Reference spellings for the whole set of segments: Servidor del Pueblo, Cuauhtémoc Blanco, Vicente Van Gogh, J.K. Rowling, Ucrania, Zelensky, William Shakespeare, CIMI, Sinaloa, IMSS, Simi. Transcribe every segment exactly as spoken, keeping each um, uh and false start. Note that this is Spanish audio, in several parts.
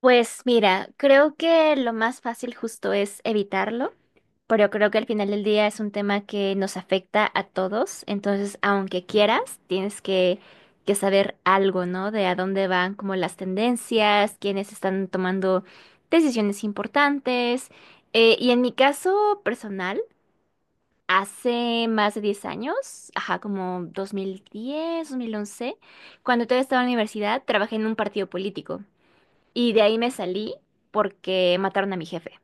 Pues mira, creo que lo más fácil justo es evitarlo, pero creo que al final del día es un tema que nos afecta a todos, entonces aunque quieras, tienes que, que saber algo, ¿no? De a dónde van como las tendencias, quiénes están tomando decisiones importantes. Eh, y en mi caso personal, hace más de diez años, ajá, como dos dos mil diez, dos mil once, cuando todavía estaba en la universidad, trabajé en un partido político. Y de ahí me salí porque mataron a mi jefe.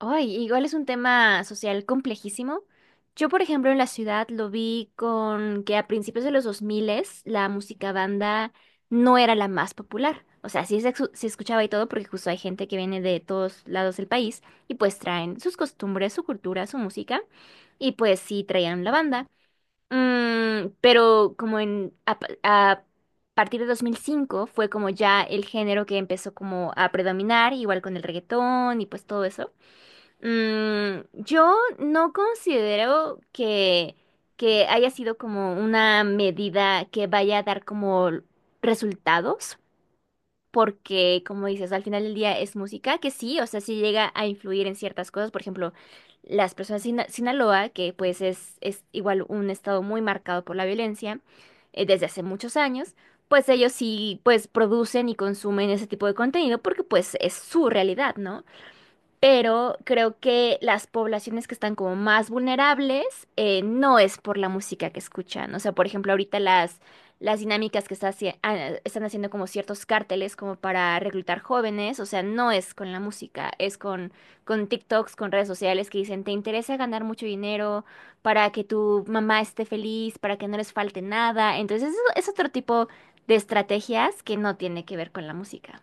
Ay, igual es un tema social complejísimo. Yo, por ejemplo, en la ciudad lo vi con que a principios de los dos mil la música banda no era la más popular. O sea, sí se, exu- se escuchaba y todo porque justo hay gente que viene de todos lados del país y pues traen sus costumbres, su cultura, su música y pues sí traían la banda. Mm, pero como en a, pa- a partir de dos mil cinco fue como ya el género que empezó como a predominar, igual con el reggaetón y pues todo eso. Mm, yo no considero que, que haya sido como una medida que vaya a dar como resultados, porque, como dices, al final del día es música que sí, o sea, sí llega a influir en ciertas cosas. Por ejemplo, las personas de Sina- Sinaloa, que pues es, es igual un estado muy marcado por la violencia eh, desde hace muchos años, pues ellos sí pues producen y consumen ese tipo de contenido porque pues es su realidad, ¿no? Pero creo que las poblaciones que están como más vulnerables eh, no es por la música que escuchan. O sea, por ejemplo, ahorita las, las dinámicas que está haci- ah, están haciendo como ciertos cárteles como para reclutar jóvenes, o sea, no es con la música, es con, con TikToks, con redes sociales que dicen, ¿te interesa ganar mucho dinero para que tu mamá esté feliz, para que no les falte nada? Entonces, eso es otro tipo de estrategias que no tiene que ver con la música.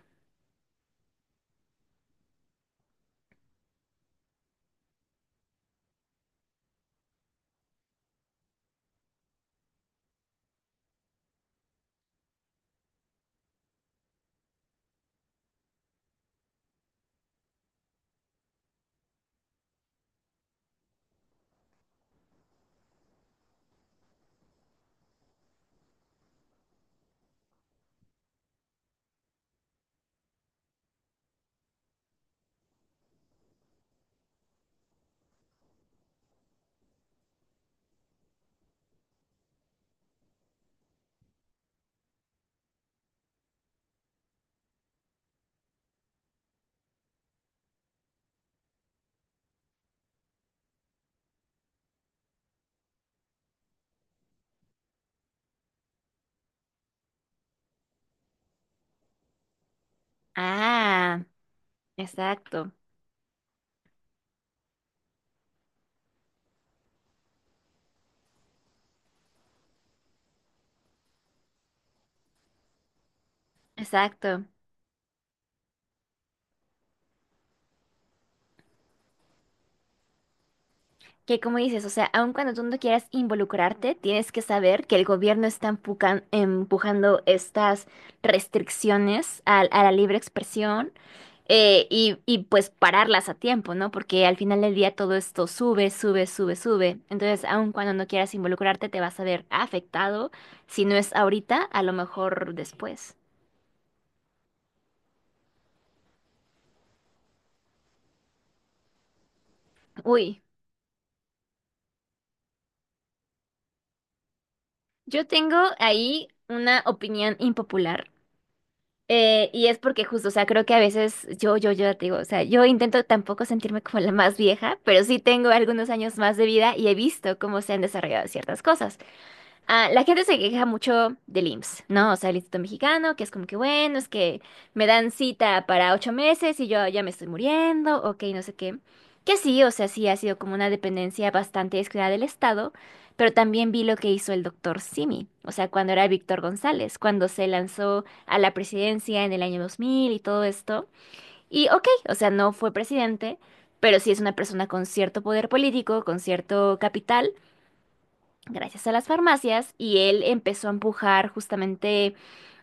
Ah, exacto, exacto. Que como dices, o sea, aun cuando tú no quieras involucrarte, tienes que saber que el gobierno está empucan- empujando estas restricciones al- a, la libre expresión eh, y, y pues pararlas a tiempo, ¿no? Porque al final del día todo esto sube, sube, sube, sube. Entonces, aun cuando no quieras involucrarte, te vas a ver afectado. Si no es ahorita, a lo mejor después. Uy, yo tengo ahí una opinión impopular. Eh, y es porque justo, o sea, creo que a veces yo, yo, yo te digo, o sea, yo intento tampoco sentirme como la más vieja, pero sí tengo algunos años más de vida y he visto cómo se han desarrollado ciertas cosas. Ah, la gente se queja mucho del I M S S, ¿no? O sea, el Instituto Mexicano, que es como que bueno, es que me dan cita para ocho meses y yo ya me estoy muriendo, ok, no sé qué. Que sí, o sea, sí ha sido como una dependencia bastante descuidada del Estado, pero también vi lo que hizo el doctor Simi, o sea, cuando era Víctor González, cuando se lanzó a la presidencia en el año dos mil y todo esto. Y ok, o sea, no fue presidente, pero sí es una persona con cierto poder político, con cierto capital gracias a las farmacias y él empezó a empujar justamente,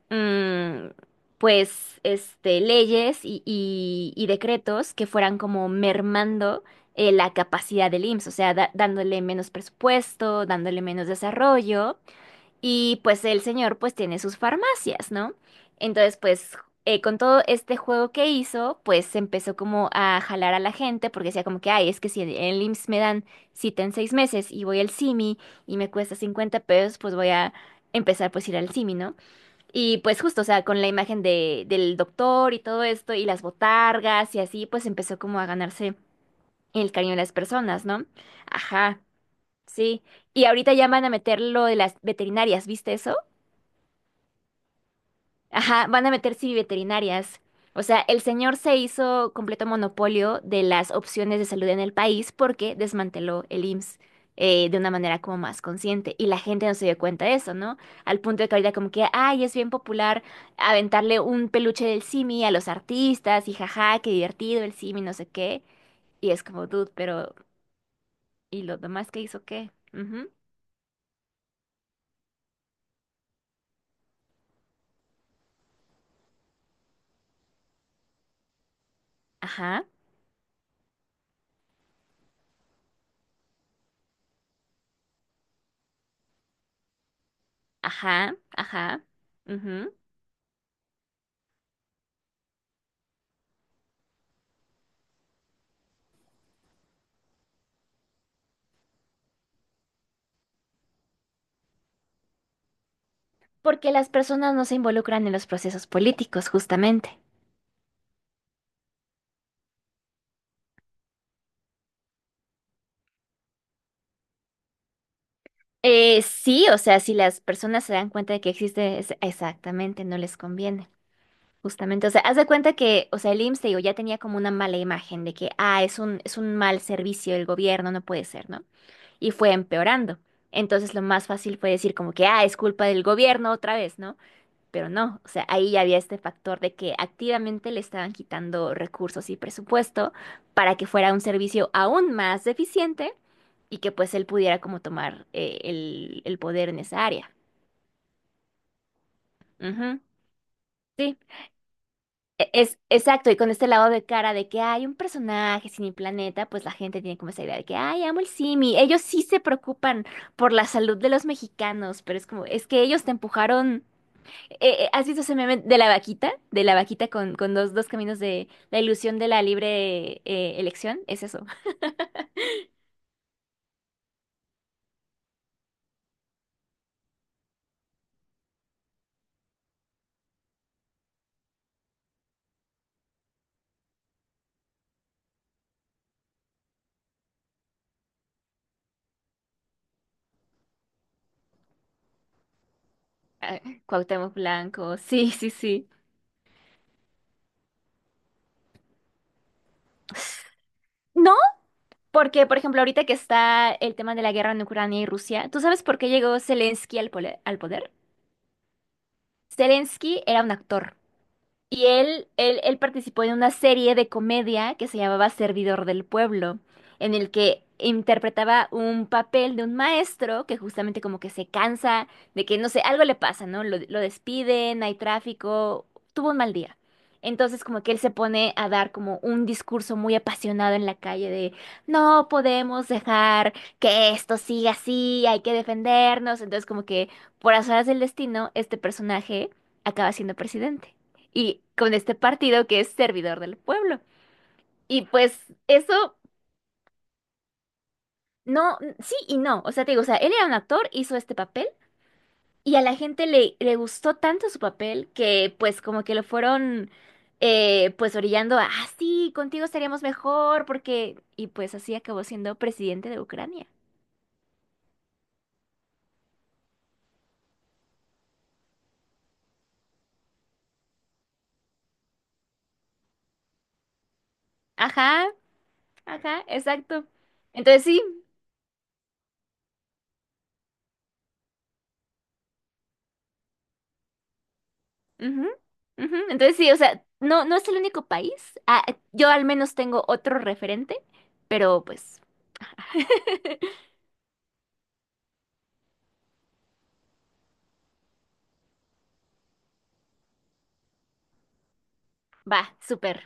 mm, pues, este, leyes y, y- y decretos que fueran como mermando eh, la capacidad del I M S S, o sea, da- dándole menos presupuesto, dándole menos desarrollo. Y pues el señor pues tiene sus farmacias, ¿no? Entonces pues eh, con todo este juego que hizo, pues empezó como a jalar a la gente porque decía como que, ay, es que si en el I M S S me dan cita en seis meses y voy al C I M I y me cuesta cincuenta pesos, pues voy a empezar pues a ir al C I M I, ¿no? Y pues justo, o sea, con la imagen de, del doctor y todo esto y las botargas y así, pues empezó como a ganarse el cariño de las personas, ¿no? Ajá, sí. Y ahorita ya van a meter lo de las veterinarias, ¿viste eso? Ajá, van a meter sí veterinarias. O sea, el señor se hizo completo monopolio de las opciones de salud en el país porque desmanteló el I M S S eh, de una manera como más consciente y la gente no se dio cuenta de eso, ¿no? Al punto de que ahorita como que, ay, es bien popular aventarle un peluche del Simi a los artistas y jaja, qué divertido el Simi, no sé qué. Y es como, dude, pero ¿y lo demás que hizo qué? Ujú, ajá, ajá, ajá, ujú. Porque las personas no se involucran en los procesos políticos, justamente. Eh, sí, o sea, si las personas se dan cuenta de que existe, es- exactamente, no les conviene. Justamente, o sea, haz de cuenta que, o sea, el I M S S, te digo, ya tenía como una mala imagen de que, ah, es un, es un mal servicio del gobierno, no puede ser, ¿no? Y fue empeorando. Entonces, lo más fácil fue decir como que, ah, es culpa del gobierno otra vez, ¿no? Pero no, o sea, ahí ya había este factor de que activamente le estaban quitando recursos y presupuesto para que fuera un servicio aún más deficiente y que pues él pudiera como tomar eh, el, el poder en esa área. Ujú, sí, E- es exacto. Y con este lado de cara de que hay un personaje sin el planeta, pues la gente tiene como esa idea de que, ay, amo el Simi. Ellos sí se preocupan por la salud de los mexicanos, pero es como, es que ellos te empujaron. Eh, eh, ¿has visto ese meme de la vaquita? De la vaquita con, con dos, dos caminos de la ilusión de la libre eh, elección. Es eso. Ah, Cuauhtémoc Blanco. Sí, sí, sí. No, porque, por ejemplo, ahorita que está el tema de la guerra en Ucrania y Rusia, ¿tú sabes por qué llegó Zelensky al, pole- al poder? Zelensky era un actor. Y él, él, él participó en una serie de comedia que se llamaba Servidor del Pueblo, en el que interpretaba un papel de un maestro que justamente como que se cansa de que, no sé, algo le pasa, ¿no? Lo, lo despiden, hay tráfico, tuvo un mal día. Entonces como que él se pone a dar como un discurso muy apasionado en la calle de no podemos dejar que esto siga así, hay que defendernos. Entonces como que por azares del destino, este personaje acaba siendo presidente y con este partido que es servidor del pueblo. Y pues eso, no, sí y no. O sea, te digo, o sea, él era un actor, hizo este papel y a la gente le, le gustó tanto su papel que pues como que lo fueron eh, pues orillando a, ah, sí, contigo estaríamos mejor porque... Y pues así acabó siendo presidente de Ucrania. Ajá, ajá, exacto. Entonces sí. Ujú, ujú. Entonces sí, o sea, no, no es el único país. Ah, yo al menos tengo otro referente, pero pues... Va, súper.